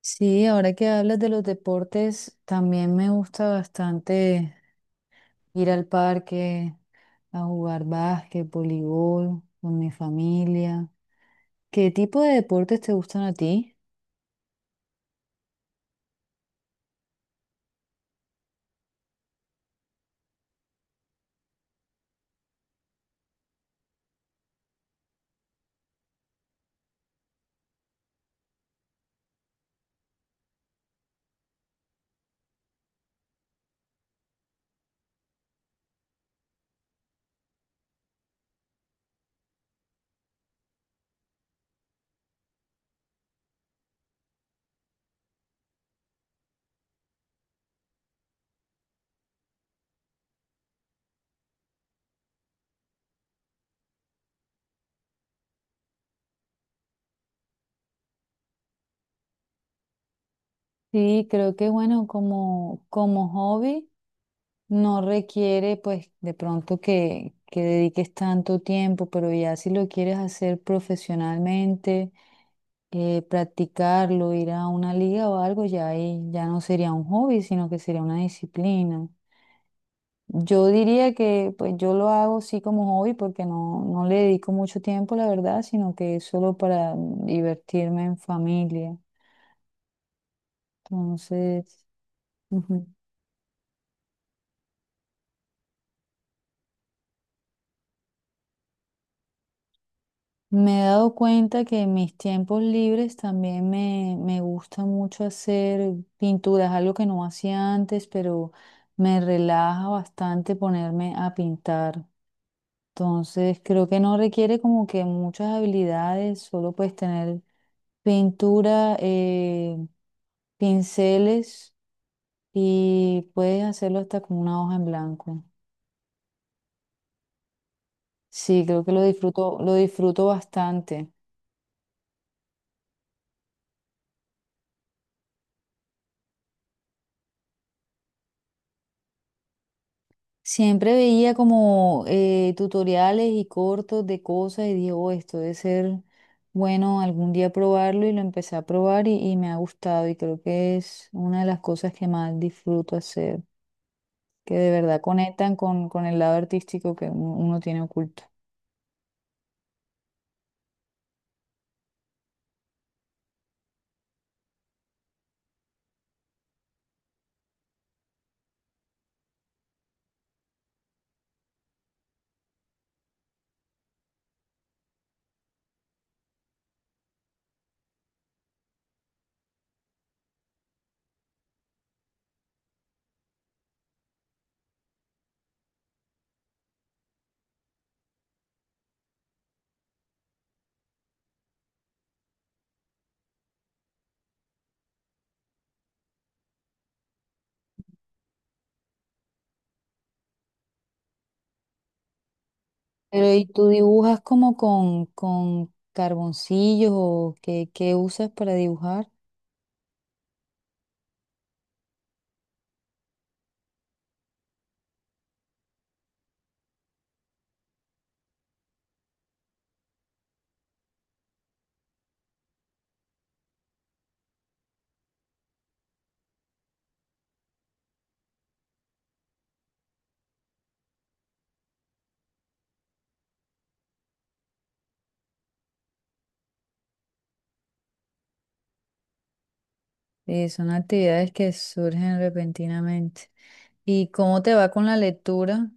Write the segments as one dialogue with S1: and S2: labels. S1: Sí, ahora que hablas de los deportes, también me gusta bastante ir al parque a jugar básquet, voleibol con mi familia. ¿Qué tipo de deportes te gustan a ti? Sí, creo que bueno, como hobby no requiere pues de pronto que dediques tanto tiempo, pero ya si lo quieres hacer profesionalmente, practicarlo, ir a una liga o algo, ya ahí ya no sería un hobby, sino que sería una disciplina. Yo diría que pues yo lo hago sí como hobby porque no le dedico mucho tiempo, la verdad, sino que es solo para divertirme en familia. Entonces, ujú. Me he dado cuenta que en mis tiempos libres también me gusta mucho hacer pinturas, algo que no hacía antes, pero me relaja bastante ponerme a pintar. Entonces, creo que no requiere como que muchas habilidades, solo puedes tener pintura, pinceles y puedes hacerlo hasta con una hoja en blanco. Sí, creo que lo disfruto bastante. Siempre veía como tutoriales y cortos de cosas y dije: "Oh, esto debe ser bueno algún día probarlo" y lo empecé a probar y me ha gustado y creo que es una de las cosas que más disfruto hacer, que de verdad conectan con el lado artístico que uno tiene oculto. Pero ¿y tú dibujas como con carboncillos o qué, qué usas para dibujar? Son actividades que surgen repentinamente. ¿Y cómo te va con la lectura?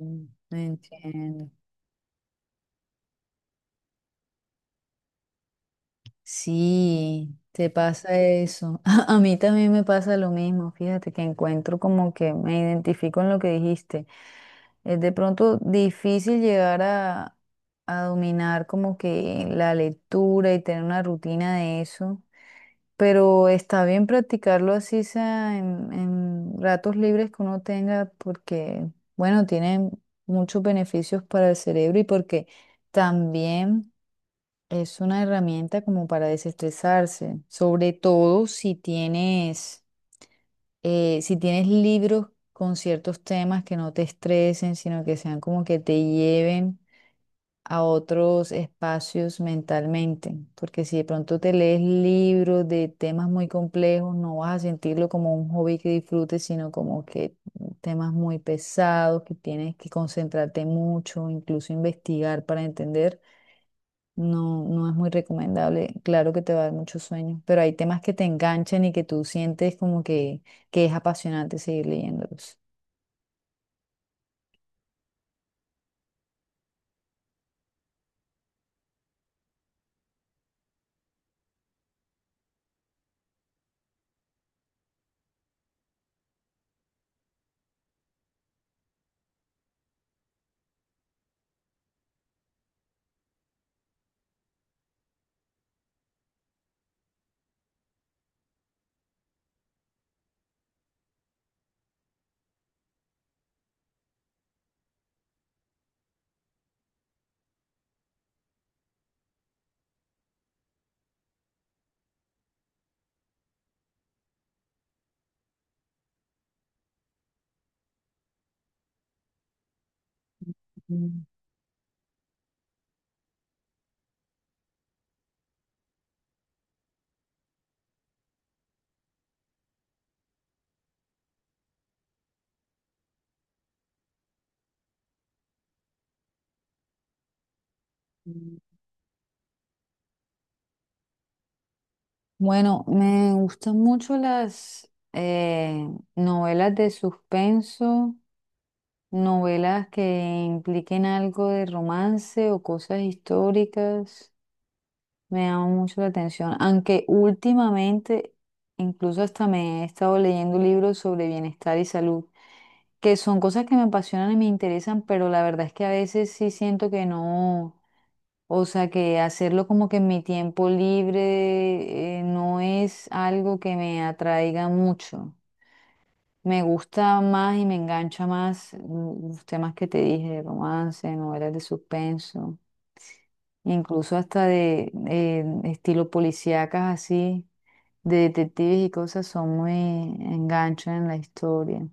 S1: Mm, entiendo. Sí, te pasa eso. A mí también me pasa lo mismo, fíjate que encuentro como que me identifico en lo que dijiste. Es de pronto difícil llegar a dominar como que la lectura y tener una rutina de eso, pero está bien practicarlo así sea en ratos libres que uno tenga porque, bueno, tiene muchos beneficios para el cerebro y porque también... Es una herramienta como para desestresarse, sobre todo si tienes, si tienes libros con ciertos temas que no te estresen, sino que sean como que te lleven a otros espacios mentalmente, porque si de pronto te lees libros de temas muy complejos, no vas a sentirlo como un hobby que disfrutes, sino como que temas muy pesados, que tienes que concentrarte mucho, incluso investigar para entender. No, no es muy recomendable. Claro que te va a dar mucho sueño, pero hay temas que te enganchan y que tú sientes como que es apasionante seguir leyéndolos. Mm, mm. Bueno, me gustan mucho las novelas de suspenso, novelas que impliquen algo de romance o cosas históricas. Me llama mucho la atención, aunque últimamente incluso hasta me he estado leyendo libros sobre bienestar y salud, que son cosas que me apasionan y me interesan, pero la verdad es que a veces sí siento que no, o sea, que hacerlo como que en mi tiempo libre no es algo que me atraiga mucho. Me gusta más y me engancha más los temas que te dije, romance, novelas de suspenso incluso hasta de estilo policíacas así, de detectives y cosas, son muy enganchan en la historia.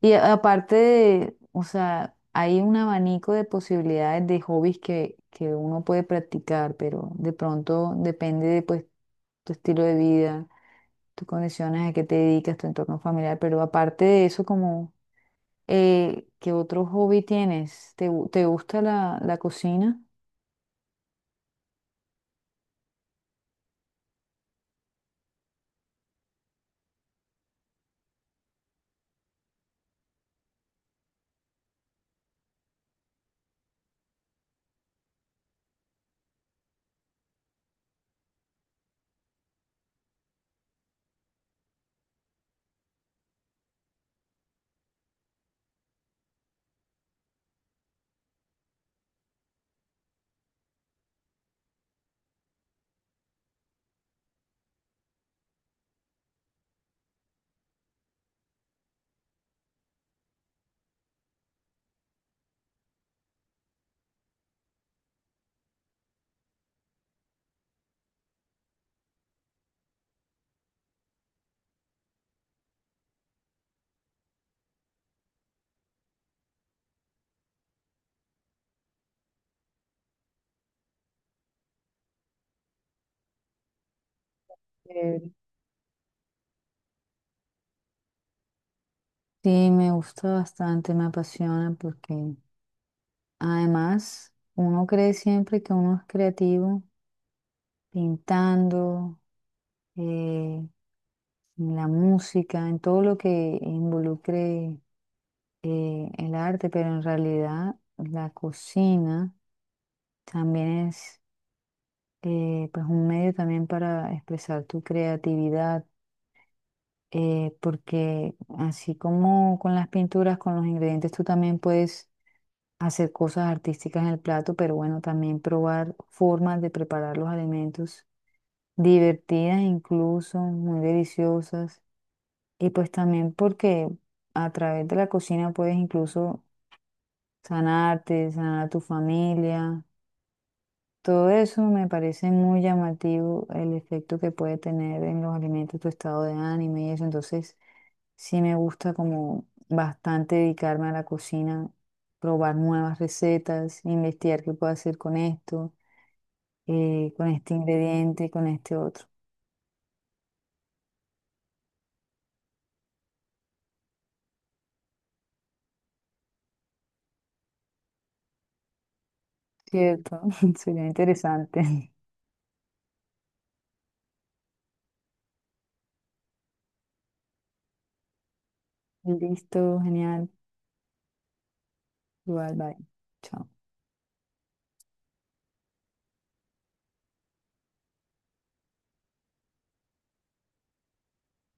S1: Aparte de, o sea, hay un abanico de posibilidades de hobbies que uno puede practicar, pero de pronto depende de pues tu estilo de vida, tus condiciones, a qué te dedicas, tu entorno familiar, pero aparte de eso, como, ¿qué otro hobby tienes? ¿Te, te gusta la, la cocina? Eh, Sí, me gusta bastante, me apasiona porque además uno cree siempre que uno es creativo pintando, eh, en la música, en todo lo que involucre el arte, pero en realidad la cocina también es pues un medio también para expresar tu creatividad, porque así como con las pinturas, con los ingredientes, tú también puedes hacer cosas artísticas en el plato, pero bueno, también probar formas de preparar los alimentos divertidas incluso, muy deliciosas. Y pues también porque a través de la cocina puedes incluso sanarte, sanar a tu familia, todo eso me parece muy llamativo, el efecto que puede tener en los alimentos tu estado de ánimo y eso. Entonces, sí me gusta como bastante dedicarme a la cocina, probar nuevas recetas, investigar qué puedo hacer con esto, con este ingrediente, con este otro. Cierto, sería interesante. Listo, genial. Igual, bye. Chao.